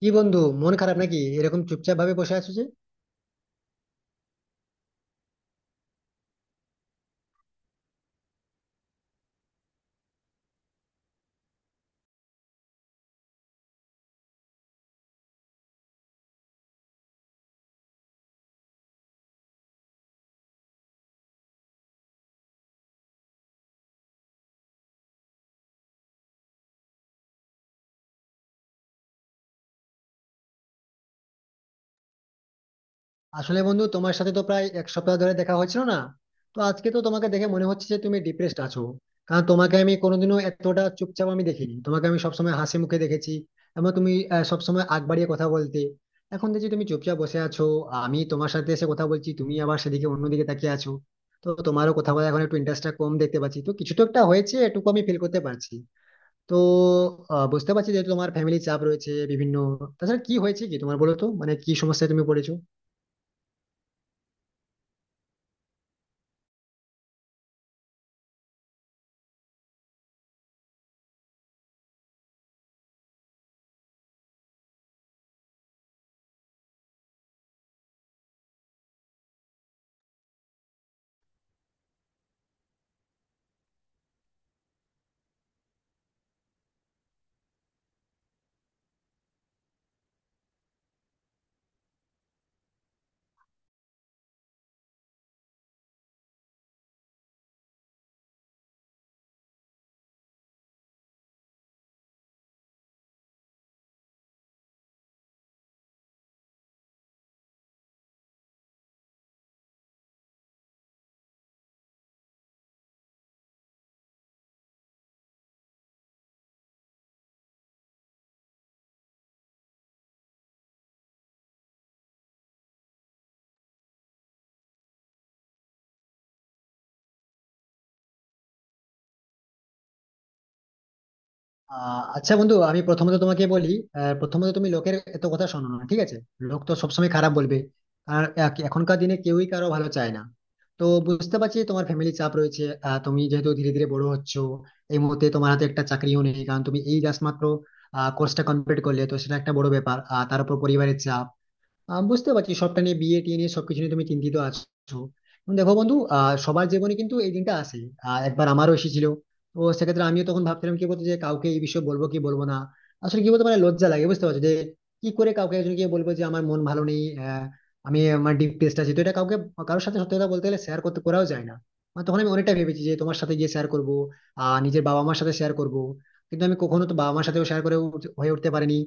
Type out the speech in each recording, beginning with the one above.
কি বন্ধু, মন খারাপ নাকি? এরকম চুপচাপ ভাবে বসে আছো যে। আসলে বন্ধু, তোমার সাথে তো প্রায় এক সপ্তাহ ধরে দেখা হচ্ছিল না। তো আজকে তো তোমাকে দেখে মনে হচ্ছে যে তুমি ডিপ্রেসড আছো। কারণ তোমাকে আমি কোনোদিনও এতটা চুপচাপ আমি দেখিনি, তোমাকে আমি সবসময় হাসি মুখে দেখেছি। এবং তুমি সবসময় আগ বাড়িয়ে কথা বলতে, এখন দেখছি তুমি চুপচাপ বসে আছো। আমি তোমার সাথে এসে কথা বলছি, তুমি আবার সেদিকে অন্যদিকে তাকিয়ে আছো। তো তোমারও কথা বলা এখন একটু ইন্টারেস্টটা কম দেখতে পাচ্ছি, তো কিছু তো একটা হয়েছে এটুকু আমি ফিল করতে পারছি। তো বুঝতে পারছি যে তোমার ফ্যামিলি চাপ রয়েছে বিভিন্ন। তাছাড়া কি হয়েছে কি তোমার, বলো তো, মানে কি সমস্যায় তুমি পড়েছো? আচ্ছা বন্ধু, আমি প্রথমত তোমাকে বলি, প্রথমত তুমি লোকের এত কথা শোনো না, ঠিক আছে। লোক তো সবসময় খারাপ বলবে। আর এখনকার দিনে কেউই কারো ভালো চায় না। তো বুঝতে পারছি তোমার ফ্যামিলি চাপ রয়েছে। তুমি যেহেতু ধীরে ধীরে বড় হচ্ছ, এই মুহূর্তে তোমার হাতে একটা চাকরিও নেই, কারণ তুমি এই জাস্ট মাত্র কোর্সটা কমপ্লিট করলে, তো সেটা একটা বড় ব্যাপার, আর তার উপর পরিবারের চাপ। বুঝতে পারছি সবটা নিয়ে, বিয়ে টিয়ে নিয়ে সবকিছু নিয়ে তুমি চিন্তিত আছো। এখন দেখো বন্ধু, সবার জীবনে কিন্তু এই দিনটা আসে। একবার আমারও এসেছিল। তো সেক্ষেত্রে আমিও তখন ভাবছিলাম, কি বলতো, যে কাউকে এই বিষয়ে বলবো কি বলবো না। আসলে কি বলতো, মানে লজ্জা লাগে, বুঝতে পারছো যে কি করে কাউকে একজনকে বলবো যে আমার মন ভালো নেই। আমি আমার ডিপ টেস্ট আছে, তো এটা কাউকে, কারোর সাথে সত্যি কথা বলতে গেলে শেয়ার করতে করাও যায় না। আর তখন আমি অনেকটা ভেবেছি যে তোমার সাথে গিয়ে শেয়ার করবো, নিজের বাবা মার সাথে শেয়ার করবো। কিন্তু আমি কখনো তো বাবা মার সাথেও শেয়ার করে হয়ে উঠতে পারিনি।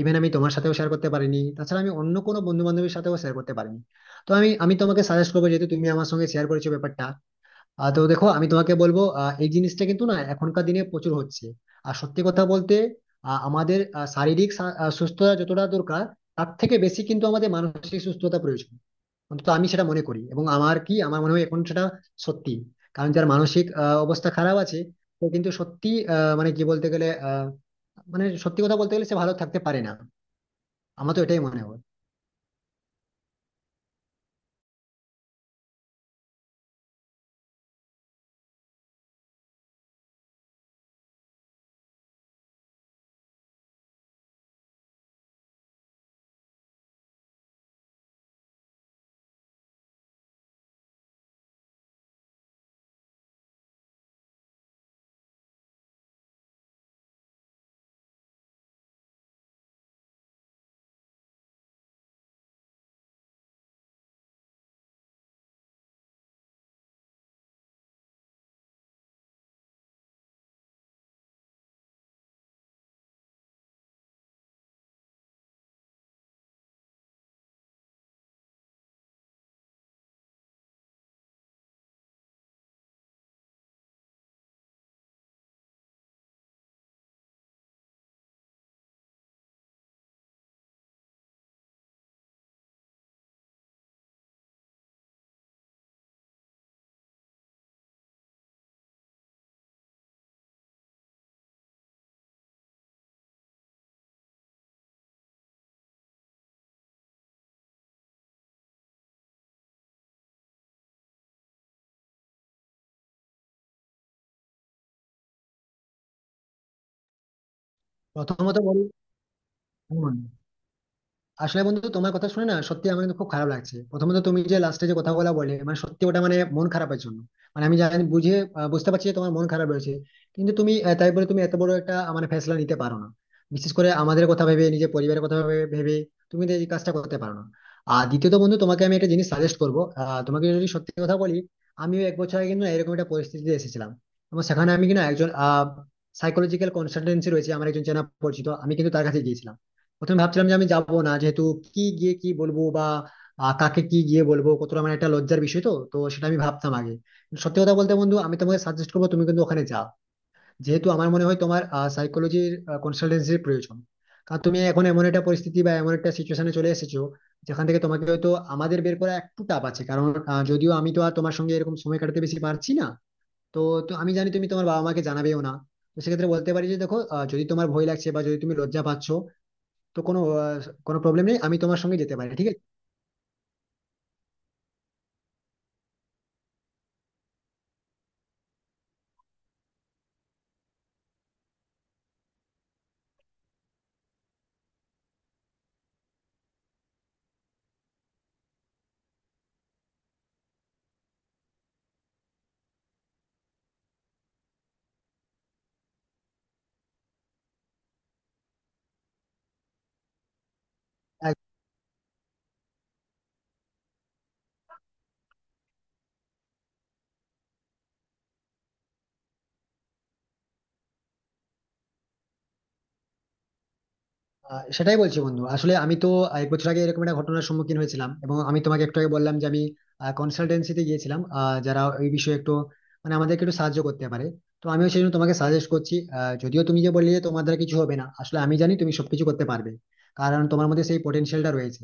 ইভেন আমি তোমার সাথেও শেয়ার করতে পারিনি, তাছাড়া আমি অন্য কোনো বন্ধু বান্ধবের সাথেও শেয়ার করতে পারিনি। তো আমি আমি তোমাকে সাজেস্ট করবো, যেহেতু তুমি আমার সঙ্গে শেয়ার করেছো ব্যাপারটা। তো দেখো আমি তোমাকে বলবো, এই জিনিসটা কিন্তু না এখনকার দিনে প্রচুর হচ্ছে। আর সত্যি কথা বলতে, আমাদের শারীরিক সুস্থতা যতটা দরকার, তার থেকে বেশি কিন্তু আমাদের মানসিক সুস্থতা প্রয়োজন। অন্তত আমি সেটা মনে করি, এবং আমার কি আমার মনে হয় এখন সেটা সত্যি। কারণ যার মানসিক অবস্থা খারাপ আছে, সে কিন্তু সত্যি, আহ, মানে কি বলতে গেলে আহ, মানে সত্যি কথা বলতে গেলে সে ভালো থাকতে পারে না। আমার তো এটাই মনে হয়। প্রথমত বলি, আমি মনে হয়। আসলে বন্ধু, তোমার কথা শুনে না সত্যি আমার কিন্তু খুব খারাপ লাগছে। প্রথমত তুমি যে লাস্টে যে কথাগুলো বলে, মানে সত্যি ওটা, মানে মন খারাপের জন্য মানে আমি জানি, বুঝতে পারছি যে তোমার মন খারাপ রয়েছে। কিন্তু তুমি, তাই বলে তুমি এত বড় একটা মানে ফেসলা নিতে পারো না। বিশেষ করে আমাদের কথা ভেবে, নিজের পরিবারের কথা ভেবে ভেবে তুমি তো এই কাজটা করতে পারো না। আর দ্বিতীয়ত বন্ধু, তোমাকে আমি একটা জিনিস সাজেস্ট করবো, তোমাকে যদি সত্যি কথা বলি, আমিও এক বছর আগে কিন্তু না এরকম একটা পরিস্থিতিতে এসেছিলাম। এবং সেখানে আমি কিনা একজন সাইকোলজিক্যাল কনসালটেন্সি রয়েছে আমার একজন চেনা পরিচিত, আমি কিন্তু তার কাছে গিয়েছিলাম। প্রথমে ভাবছিলাম যে আমি যাবো না, যেহেতু কি গিয়ে কি বলবো, বা কাকে কি গিয়ে বলবো, কতটা মানে একটা লজ্জার বিষয় তো তো সেটা আমি ভাবতাম আগে। কিন্তু সত্যি কথা বলতে বন্ধু, আমি তোমাকে সাজেস্ট করবো তুমি কিন্তু ওখানে যাও। যেহেতু আমার মনে হয় তোমার সাইকোলজির কনসালটেন্সির প্রয়োজন। কারণ তুমি এখন এমন একটা পরিস্থিতি বা এমন একটা সিচুয়েশনে চলে এসেছো, যেখান থেকে তোমাকে হয়তো আমাদের বের করা একটু টাফ আছে। কারণ যদিও আমি তো আর তোমার সঙ্গে এরকম সময় কাটাতে বেশি পারছি না। তো তো আমি জানি তুমি তোমার বাবা মাকে জানাবেও না। তো সেক্ষেত্রে বলতে পারি যে দেখো, যদি তোমার ভয় লাগছে বা যদি তুমি লজ্জা পাচ্ছ, তো কোনো প্রবলেম নেই, আমি তোমার সঙ্গে যেতে পারি ঠিক আছে। সেটাই বলছি বন্ধু, আসলে আমি তো এক বছর আগে এরকম একটা ঘটনার সম্মুখীন হয়েছিলাম, এবং আমি তোমাকে একটু আগে বললাম যে আমি কনসালটেন্সিতে গিয়েছিলাম, যারা এই বিষয়ে একটু মানে আমাদেরকে একটু সাহায্য করতে পারে। তো আমিও সেই জন্য তোমাকে সাজেস্ট করছি। যদিও তুমি যে বললে যে তোমার দ্বারা কিছু হবে না, আসলে আমি জানি তুমি সবকিছু করতে পারবে, কারণ তোমার মধ্যে সেই পোটেনশিয়ালটা রয়েছে।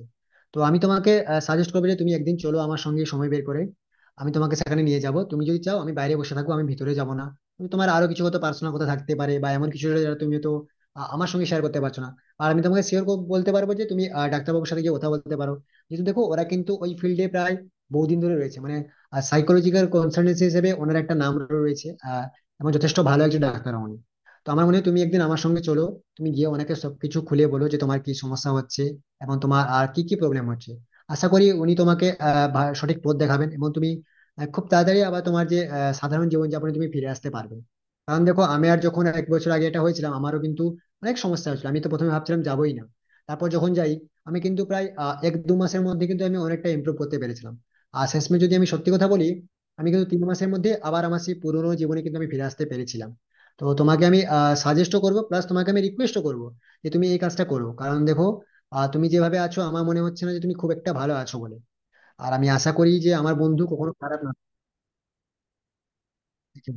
তো আমি তোমাকে সাজেস্ট করবো যে তুমি একদিন চলো আমার সঙ্গে সময় বের করে। আমি তোমাকে সেখানে নিয়ে যাব, তুমি যদি চাও আমি বাইরে বসে থাকবো, আমি ভিতরে যাব না। তুমি তোমার আরো কিছু হয়তো পার্সোনাল কথা থাকতে পারে বা এমন কিছু যেটা তুমি তো আমার সঙ্গে শেয়ার করতে পারছো না। আর আমি তোমাকে শিওর বলতে পারবো যে তুমি ডাক্তারবাবুর সাথে গিয়ে কথা বলতে পারো। কিন্তু দেখো ওরা কিন্তু ওই ফিল্ডে প্রায় বহুদিন ধরে রয়েছে, মানে সাইকোলজিক্যাল কনসালটেন্সি হিসেবে ওনার একটা নাম রয়েছে, এবং যথেষ্ট ভালো একজন ডাক্তার উনি। তো আমার মনে হয় তুমি একদিন আমার সঙ্গে চলো, তুমি গিয়ে ওনাকে সবকিছু খুলে বলো যে তোমার কি সমস্যা হচ্ছে এবং তোমার আর কি কি প্রবলেম হচ্ছে। আশা করি উনি তোমাকে সঠিক পথ দেখাবেন, এবং তুমি খুব তাড়াতাড়ি আবার তোমার যে সাধারণ জীবনযাপনে তুমি ফিরে আসতে পারবে। কারণ দেখো, আমি আর যখন এক বছর আগে এটা হয়েছিলাম, আমারও কিন্তু অনেক সমস্যা হয়েছিল, আমি তো প্রথমে ভাবছিলাম যাবোই না। তারপর যখন যাই, আমি কিন্তু প্রায় এক দু মাসের মধ্যে কিন্তু আমি অনেকটা ইমপ্রুভ করতে পেরেছিলাম। আর শেষমেশ যদি আমি সত্যি কথা বলি, আমি কিন্তু তিন মাসের মধ্যে আবার আমার সেই পুরোনো জীবনে কিন্তু আমি ফিরে আসতে পেরেছিলাম। তো তোমাকে আমি সাজেস্টও করবো প্লাস তোমাকে আমি রিকোয়েস্টও করবো যে তুমি এই কাজটা করো। কারণ দেখো, তুমি যেভাবে আছো আমার মনে হচ্ছে না যে তুমি খুব একটা ভালো আছো বলে। আর আমি আশা করি যে আমার বন্ধু কখনো খারাপ না।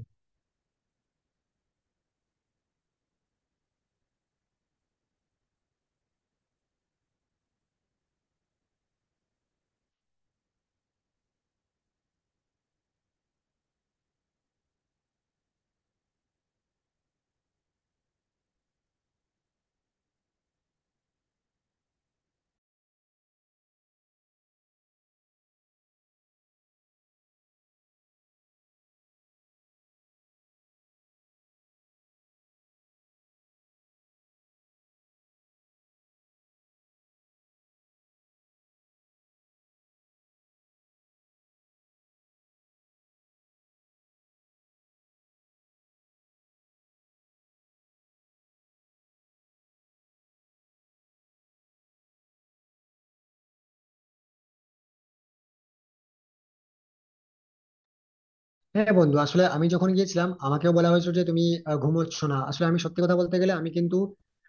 হ্যাঁ বন্ধু, আসলে আমি যখন গিয়েছিলাম, আমাকেও বলা হয়েছিল যে তুমি ঘুমোচ্ছ না। আসলে আমি সত্যি কথা বলতে গেলে আমি কিন্তু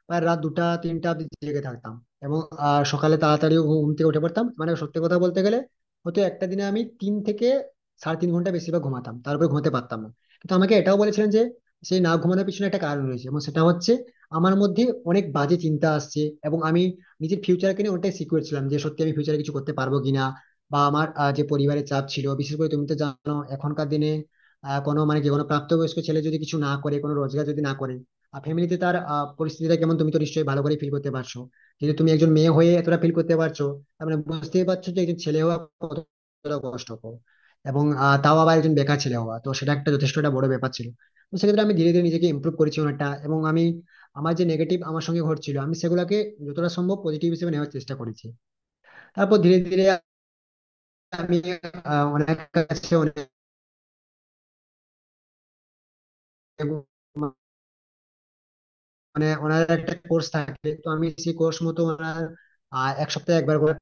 প্রায় রাত দুটা তিনটা অব্দি জেগে থাকতাম। এবং সকালে তাড়াতাড়ি ঘুম থেকে উঠে পড়তাম। মানে সত্যি কথা বলতে গেলে, হয়তো একটা দিনে আমি তিন থেকে সাড়ে তিন ঘন্টা বেশিরভাগ ঘুমাতাম, তারপরে ঘুমাতে পারতাম না। কিন্তু আমাকে এটাও বলেছিলেন যে সেই না ঘুমানোর পিছনে একটা কারণ রয়েছে, এবং সেটা হচ্ছে আমার মধ্যে অনেক বাজে চিন্তা আসছে। এবং আমি নিজের ফিউচারকে নিয়ে অনেকটাই সিকিউর ছিলাম যে সত্যি আমি ফিউচারে কিছু করতে পারবো কিনা। বা আমার যে পরিবারের চাপ ছিল, বিশেষ করে তুমি তো জানো এখনকার দিনে, কোনো মানে যে কোনো প্রাপ্তবয়স্ক ছেলে যদি কিছু না করে, কোনো রোজগার যদি না করে, ফ্যামিলিতে তার পরিস্থিতিটা কেমন তুমি তো নিশ্চয়ই ভালো করে ফিল করতে পারছো। কিন্তু তুমি একজন মেয়ে হয়ে এতটা ফিল করতে পারছো, তার মানে বুঝতেই পারছো যে একজন ছেলে হওয়া কতটা কষ্টকর। এবং তাও আবার একজন বেকার ছেলে হওয়া, তো সেটা একটা যথেষ্ট একটা বড় ব্যাপার ছিল। তো সেক্ষেত্রে আমি ধীরে ধীরে নিজেকে ইমপ্রুভ করেছি অনেকটা। এবং আমি আমার যে নেগেটিভ আমার সঙ্গে ঘটছিল আমি সেগুলোকে যতটা সম্ভব পজিটিভ হিসেবে নেওয়ার চেষ্টা করেছি। তারপর ধীরে ধীরে আমি ওনার কাছে অনেক মানে ওনার একটা কোর্স থাকে, তো আমি সেই কোর্স মতো ওনার এক সপ্তাহে একবার করে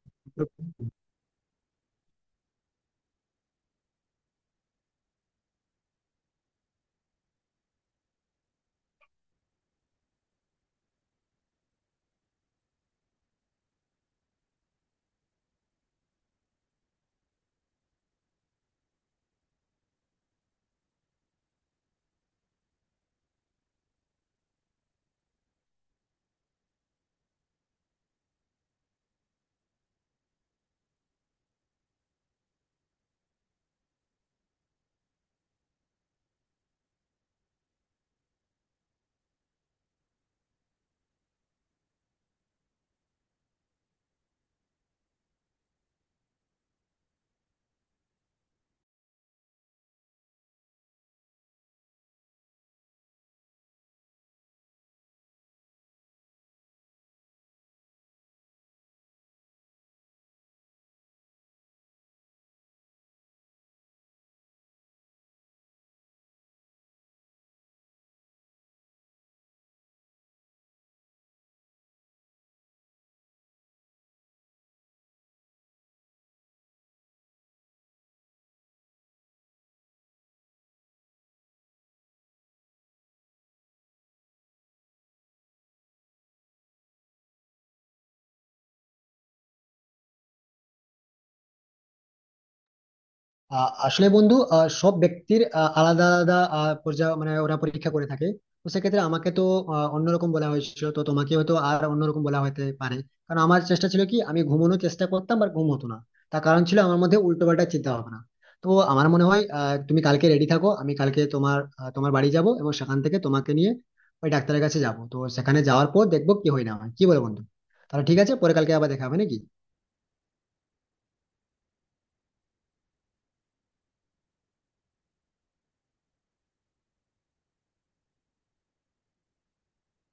আহ, আসলে বন্ধু, সব ব্যক্তির আলাদা আলাদা পর্যায়ে মানে ওরা পরীক্ষা করে থাকে। তো সেক্ষেত্রে আমাকে তো অন্যরকম বলা হয়েছিল, তো তোমাকে হয়তো আর অন্যরকম বলা হতে পারে। কারণ আমার চেষ্টা ছিল কি আমি ঘুমানোর চেষ্টা করতাম বাট ঘুম হতো না। তার কারণ ছিল আমার মধ্যে উল্টোপাল্টা চিন্তা ভাবনা। তো আমার মনে হয় তুমি কালকে রেডি থাকো, আমি কালকে তোমার বাড়ি যাব এবং সেখান থেকে তোমাকে নিয়ে ওই ডাক্তারের কাছে যাব। তো সেখানে যাওয়ার পর দেখবো কি হয় না হয়, কি বলে বন্ধু। তাহলে ঠিক আছে, পরে কালকে আবার দেখা হবে নাকি?